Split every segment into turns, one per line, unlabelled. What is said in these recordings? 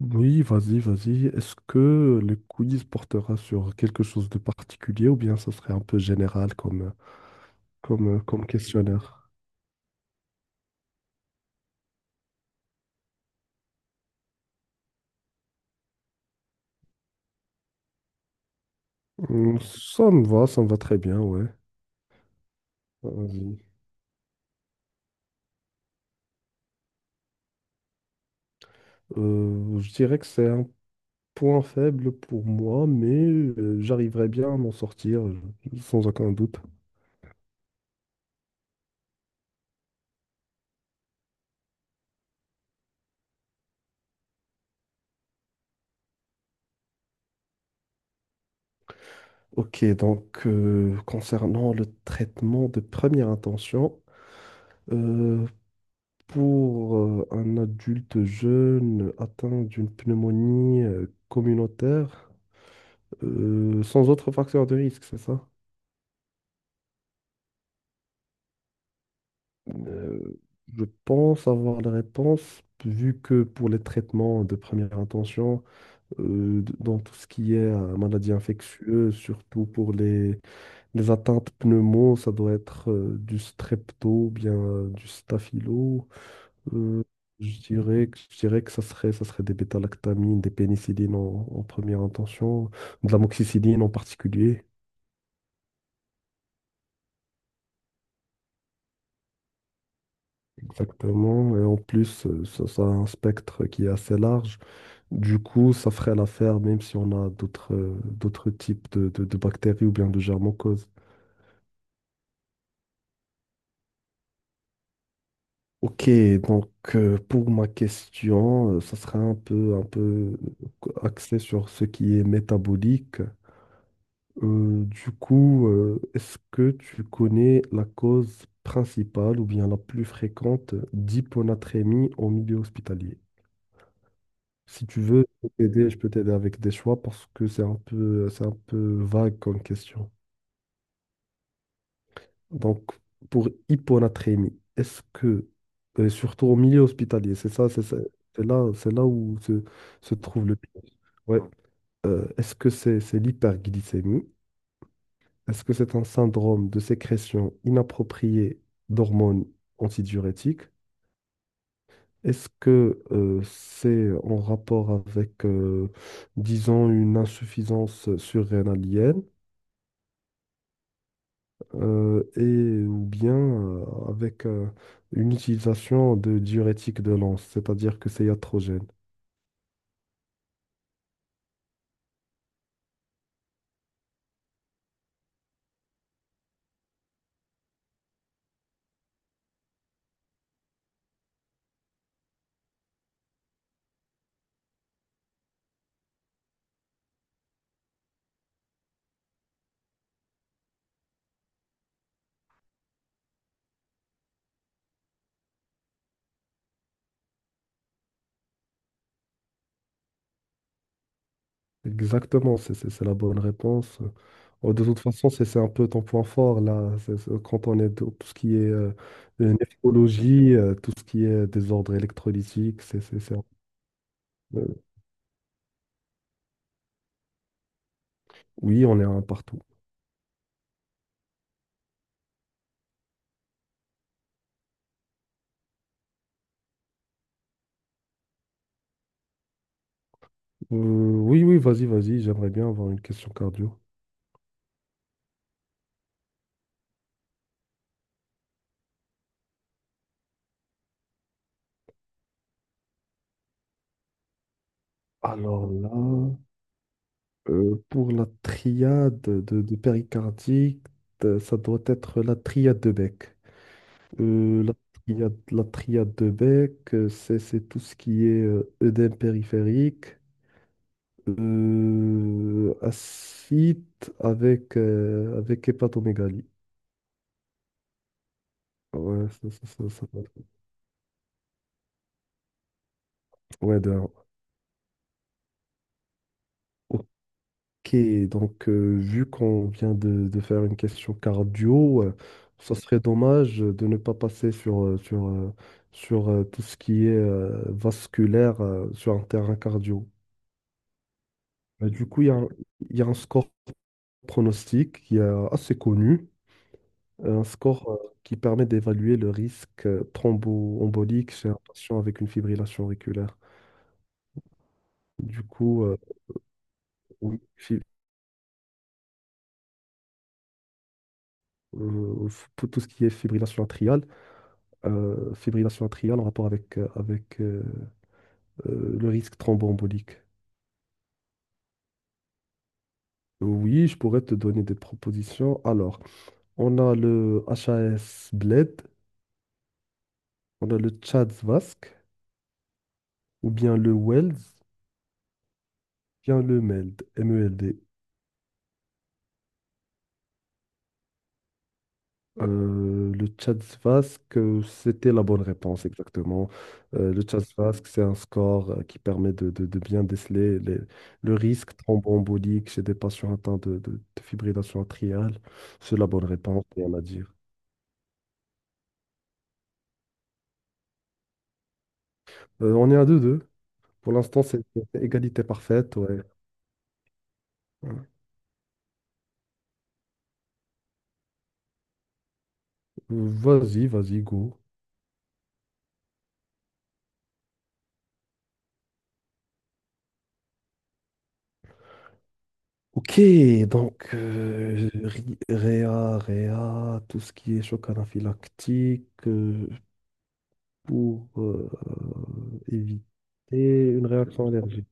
Oui, vas-y, vas-y. Est-ce que le quiz portera sur quelque chose de particulier ou bien ça serait un peu général comme questionnaire? Ça me va très bien, ouais. Vas-y. Je dirais que c'est un point faible pour moi, mais j'arriverai bien à m'en sortir, sans aucun doute. Ok, donc concernant le traitement de première intention, euh, Pour un adulte jeune atteint d'une pneumonie communautaire, sans autre facteur de risque, c'est ça? Euh, je pense avoir la réponse, vu que pour les traitements de première intention, dans tout ce qui est maladie infectieuse, surtout pour les atteintes pneumo, ça doit être du strepto, ou bien du staphylo. Euh, je dirais que ça serait des bêta-lactamines, des pénicillines en première intention, de l'amoxicilline en particulier, exactement. Et en plus, ça, ça a un spectre qui est assez large. Du coup, ça ferait l'affaire même si on a d'autres types de bactéries ou bien de germes causes. Ok, donc pour ma question, ça serait un peu axé sur ce qui est métabolique. Du coup, est-ce que tu connais la cause principale ou bien la plus fréquente d'hyponatrémie au milieu hospitalier? Si tu veux, je peux t'aider avec des choix parce que c'est un peu vague comme question. Donc, pour hyponatrémie, surtout au milieu hospitalier, c'est là où se trouve le pire. Ouais. Est-ce que c'est l'hyperglycémie? Est-ce que c'est un syndrome de sécrétion inappropriée d'hormones antidiurétiques? Est-ce que c'est en rapport avec, disons, une insuffisance surrénalienne et ou bien avec une utilisation de diurétiques de l'anse, c'est-à-dire que c'est iatrogène? Exactement, c'est la bonne réponse. Oh, de toute façon, c'est un peu ton point fort là. Quand on est dans tout ce qui est néphrologie, tout ce qui est désordre électrolytique, euh, oui, on est un partout. Oui, oui, vas-y, vas-y, j'aimerais bien avoir une question cardio. Alors là, pour la triade de péricardique, ça doit être la triade de Beck. Euh, la la triade de Beck, c'est tout ce qui est œdème périphérique, acide avec hépatomégalie. Ouais, ça doit être- ouais, de un. Ok, donc vu qu'on vient de faire une question cardio, ça serait dommage de ne pas passer sur tout ce qui est vasculaire sur un terrain cardio. Mais du coup, il y a un score pronostic qui est assez connu, un score qui permet d'évaluer le risque thromboembolique chez un patient avec une fibrillation auriculaire. Du coup, oui, pour tout ce qui est fibrillation atriale en rapport avec le risque thromboembolique. Oui, je pourrais te donner des propositions. Alors, on a le HAS Bled, on a le CHADS-VASc, ou bien le Wells ou bien le MELD. Le Tchad Vasque, c'était la bonne réponse exactement. Le Tchad Vasque, c'est un score qui permet de bien déceler le risque thromboembolique chez des patients atteints de fibrillation atriale. C'est la bonne réponse, rien à dire. On est à 2-2. Pour l'instant, c'est égalité parfaite. Ouais. Euh, Vas-y, vas-y, go. Ok, donc réa, tout ce qui est choc anaphylactique. Pour éviter une réaction allergique.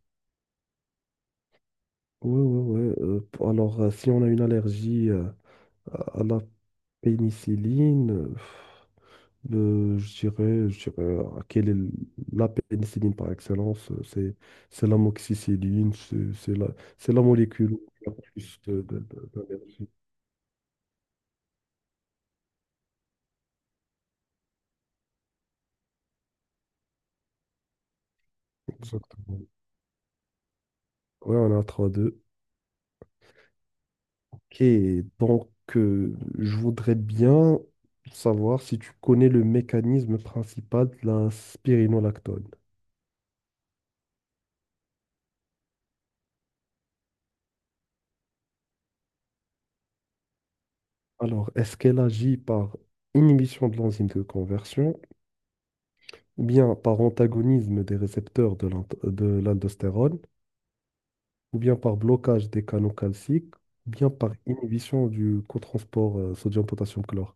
Oui, oui, oui. Alors, si on a une allergie à la pénicilline, je dirais, quelle est la pénicilline par excellence? C'est l'amoxicilline, c'est la molécule où il y a plus d'allergie. Exactement. Oui, on a 3. Ok, donc je voudrais bien savoir si tu connais le mécanisme principal de la spironolactone. Alors, est-ce qu'elle agit par inhibition de l'enzyme de conversion, ou bien par antagonisme des récepteurs de l'aldostérone, ou bien par blocage des canaux calciques, ou bien par inhibition du cotransport sodium-potassium-chlore?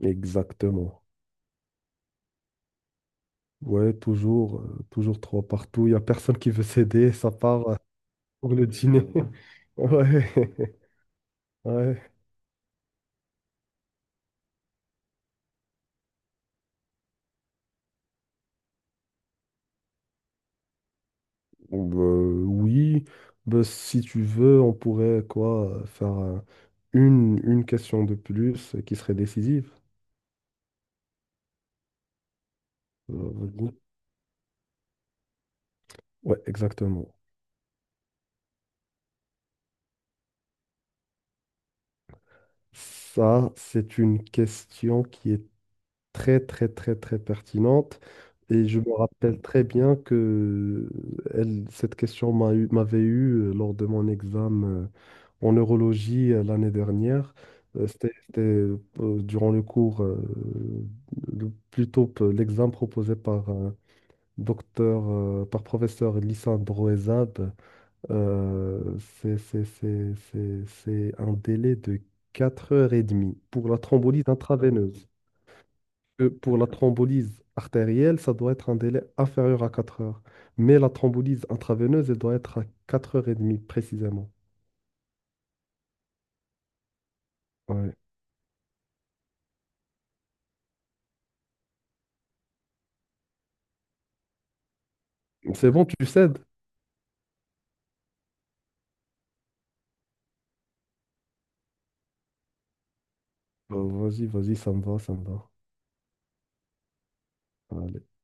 Exactement. Ouais, toujours trois partout. Il n'y a personne qui veut céder, ça part pour le dîner. Ouais, ouais. Bon, bah, oui. Si tu veux, on pourrait quoi faire une question de plus qui serait décisive. Vas-y. Ouais, exactement. Ça, c'est une question qui est très, très, très, très pertinente. Et je me rappelle très bien que elle, cette question m'avait eu lors de mon examen en neurologie l'année dernière. C'était, durant le cours, l'examen proposé par professeur Lissandro Broezab. C'est un délai de 4 heures et demie pour la thrombolyse intraveineuse que pour la thrombolyse artérielle, ça doit être un délai inférieur à 4 heures. Mais la thrombolyse intraveineuse, elle doit être à 4h30 précisément. Ouais. C'est bon, tu cèdes? Bah, vas-y, vas-y, ça me va, ça me va.